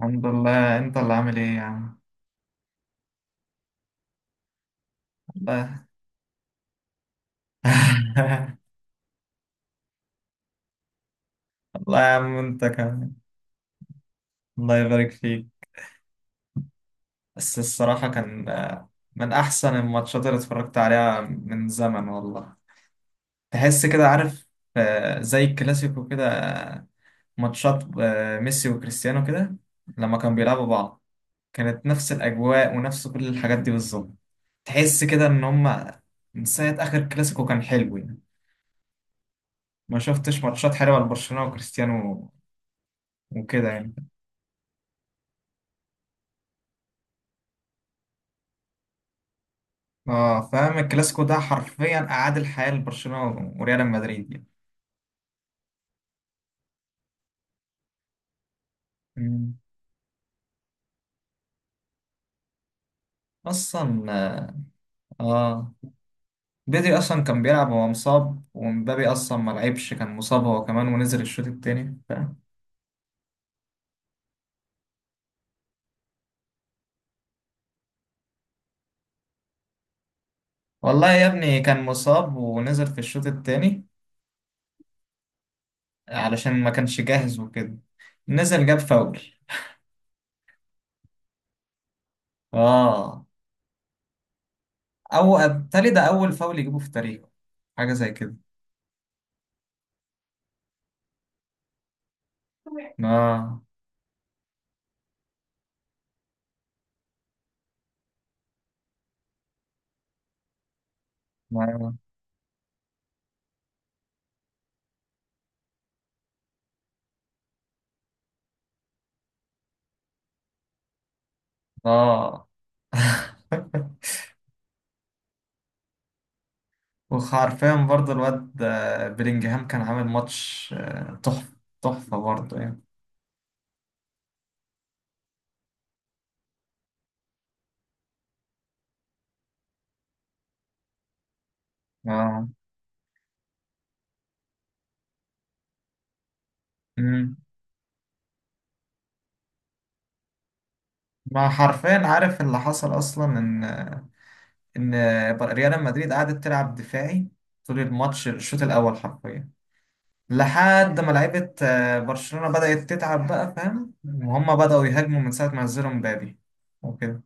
الحمد لله، انت اللي عامل ايه يا عم؟ الله الله يا عم انت كمان. الله يبارك فيك. بس الصراحة كان من احسن الماتشات اللي اتفرجت عليها من زمن والله. تحس كده عارف؟ زي الكلاسيكو كده، ماتشات ميسي وكريستيانو كده لما كانوا بيلعبوا بعض. كانت نفس الاجواء ونفس كل الحاجات دي بالظبط. تحس كده ان هما من ساعة اخر كلاسيكو كان حلو يعني. ما شفتش ماتشات حلوة لبرشلونة وكريستيانو وكده يعني. اه، فاهم الكلاسيكو ده حرفيا اعاد الحياه لبرشلونه وريال مدريد يعني. مم. اصلا، اه، بدري اصلا كان بيلعب وهو مصاب، ومبابي اصلا ما لعبش، كان مصاب هو كمان ونزل الشوط التاني والله يا ابني كان مصاب ونزل في الشوط التاني علشان ما كانش جاهز وكده. نزل جاب فاول. اه، او بالتالي ده اول فاول يجيبه في تاريخه، حاجه زي كده. اه. اه. آه. وحرفيا برضه الواد بلينجهام كان عامل ماتش تحفة. تحفة برضه يعني. اه. أمم. ما حرفيا عارف اللي حصل اصلا ان ريال مدريد قعدت تلعب دفاعي طول الماتش، الشوط الاول حرفيا، لحد ما لعيبة برشلونة بدأت تتعب بقى فاهم، وهم بدأوا يهاجموا من ساعة ما نزلوا مبابي وكده.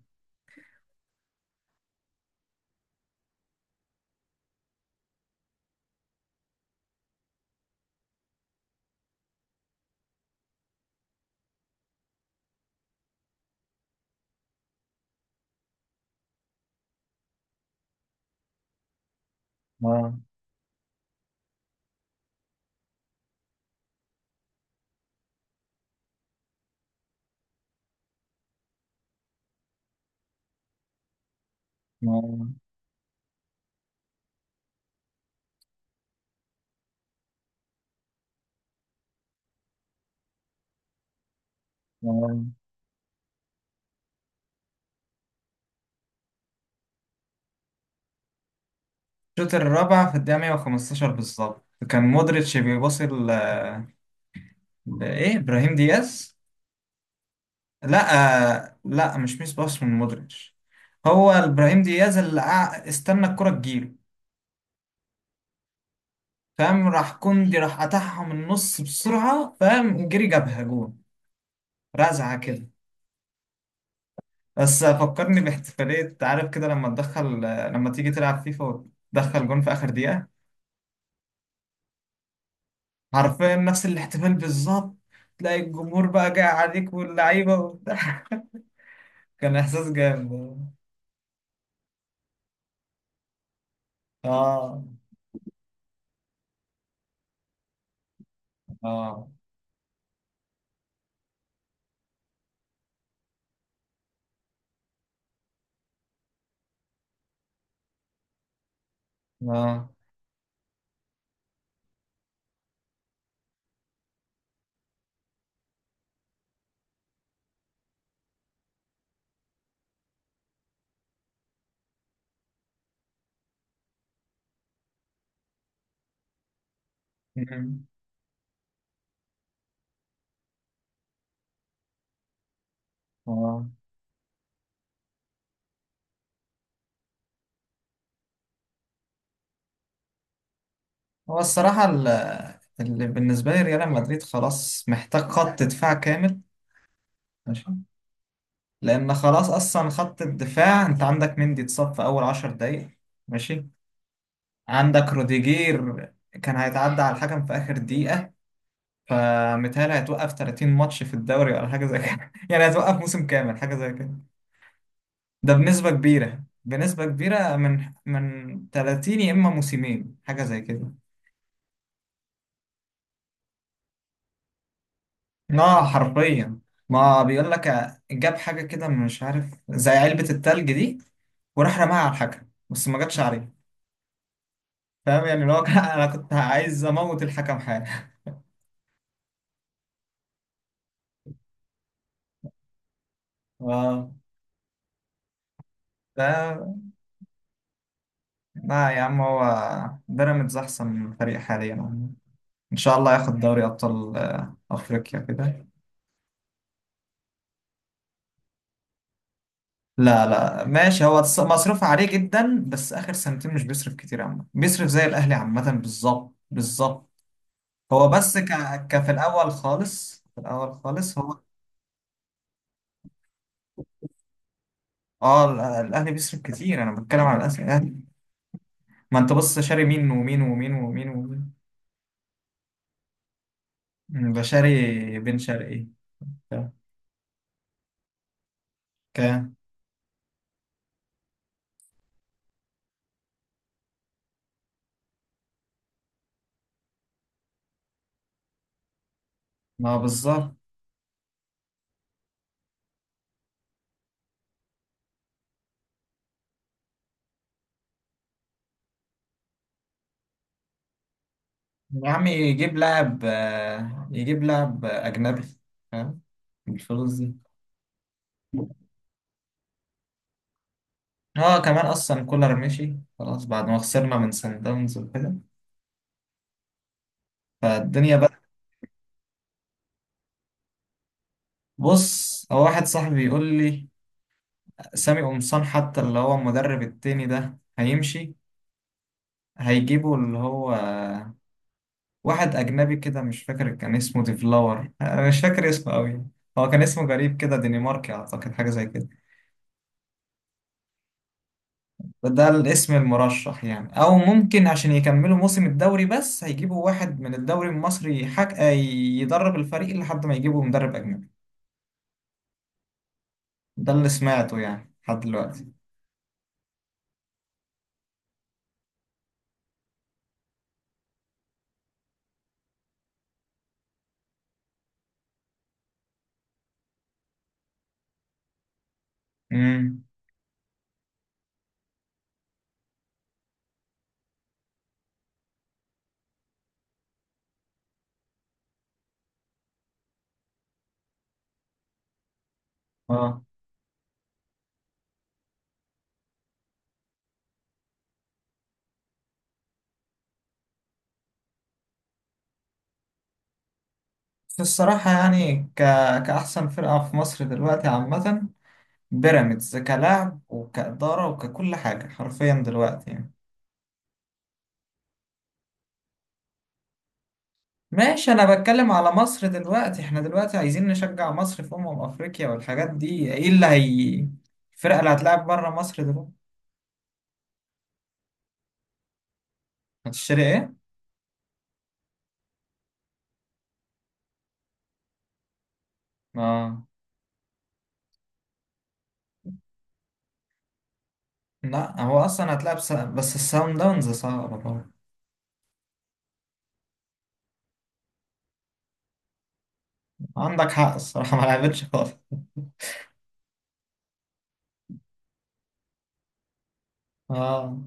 اه. اه. اه. الشوط الرابع في الدقيقة 115 بالظبط كان مودريتش بيباصي لإيه إبراهيم دياز. لا لا، مش ميس باص من مودريتش. هو ابراهيم دياز اللي استنى الكرة تجيله. فاهم راح كوندي راح قطعها من النص بسرعة، فاهم جري جابها جون، رزعة كده. بس فكرني باحتفالية عارف كده، لما تدخل، لما تيجي تلعب فيفا وتدخل جون في آخر دقيقة. حرفيا نفس الاحتفال بالظبط، تلاقي الجمهور بقى جاي عليك واللعيبة وبتاع. كان إحساس جامد. اه. اه. اه. مم. اه. هو الصراحة اللي بالنسبة لي ريال مدريد خلاص محتاج خط دفاع كامل. ماشي. لأن خلاص أصلا خط الدفاع أنت عندك مندي اتصاب في أول عشر دقايق. ماشي. عندك روديجير كان هيتعدى على الحكم في آخر دقيقة، فمتهيألي هيتوقف 30 ماتش في الدوري، ولا حاجة زي كده. يعني هيتوقف موسم كامل، حاجة زي كده. ده بنسبة كبيرة، بنسبة كبيرة، من 30 يا إما موسمين، حاجة زي كده. اه حرفيا. ما بيقول لك جاب حاجة كده مش عارف، زي علبة التلج دي، وراح رماها على الحكم بس ما جاتش عليه. فاهم يعني، اللي هو انا كنت عايز اموت الحكم، حاجة. اه. ف لا يا عم، هو بيراميدز احسن فريق حاليا يعني. ان شاء الله ياخد دوري ابطال افريقيا كده. لا لا ماشي، هو مصروف عليه جدا، بس اخر سنتين مش بيصرف كتير عامة، بيصرف زي الاهلي عامة، بالظبط بالظبط. هو بس في الاول خالص، في الاول خالص، هو. اه الاهلي بيصرف كتير، انا بتكلم على الاهلي. ما انت بص، شاري مين ومين ومين ومين ومين. ده شاري بن شرقي. ك- كام؟ ما بالظبط. يا عم يجيب لاعب، يجيب لاعب اجنبي فاهم، بالفلوس دي. اه كمان اصلا كولر مشي خلاص بعد ما خسرنا من سان داونز وكده، فالدنيا بقى. بص، هو واحد صاحبي يقول لي، سامي قمصان حتى اللي هو المدرب التاني ده هيمشي، هيجيبوا اللي هو واحد أجنبي كده، مش فاكر كان اسمه ديفلاور، أنا مش فاكر اسمه أوي، هو كان اسمه غريب كده، دنماركي أعتقد، حاجة زي كده. ده الاسم المرشح يعني، أو ممكن عشان يكملوا موسم الدوري بس هيجيبوا واحد من الدوري المصري حك... آه، يدرب الفريق لحد ما يجيبوا مدرب أجنبي. ده اللي سمعته يعني لحد دلوقتي. امم اه، بس الصراحة يعني كأحسن فرقة في مصر دلوقتي عامة، بيراميدز كلاعب وكإدارة وككل حاجة، حرفيا دلوقتي يعني. ماشي، أنا بتكلم على مصر دلوقتي، احنا دلوقتي عايزين نشجع مصر في أمم أفريقيا والحاجات دي، ايه اللي هي الفرقة اللي هتلعب بره مصر دلوقتي؟ هتشتري ايه؟ اه. لا، هو أصلا هتلعب بس الساوند داونز صعبة برضه. عندك حق الصراحة، ما لعبتش خالص. اه.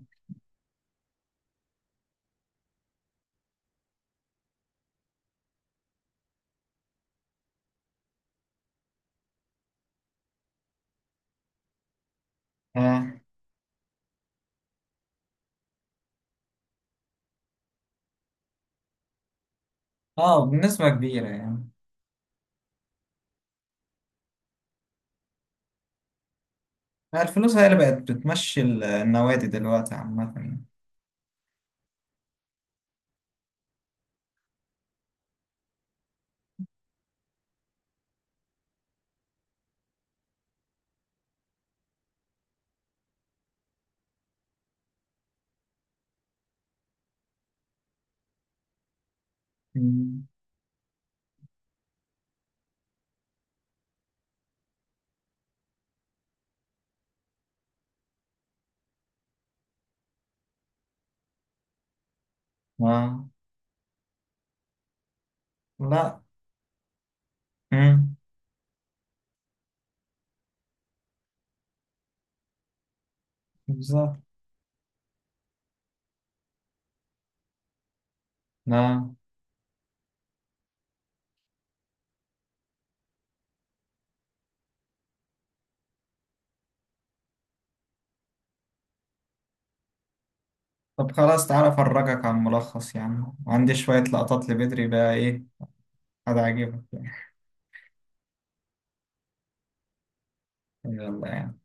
اه. اه، بنسبة كبيرة يعني. الفلوس هي اللي بقت بتمشي النوادي دلوقتي عامة يعني. مم. اه. لا. مم. بالظبط. لا، طب خلاص، تعالى أفرجك عن ملخص، يعني عندي شوية لقطات لبدري بقى، إيه، هتعجبك يعني. يلا يعني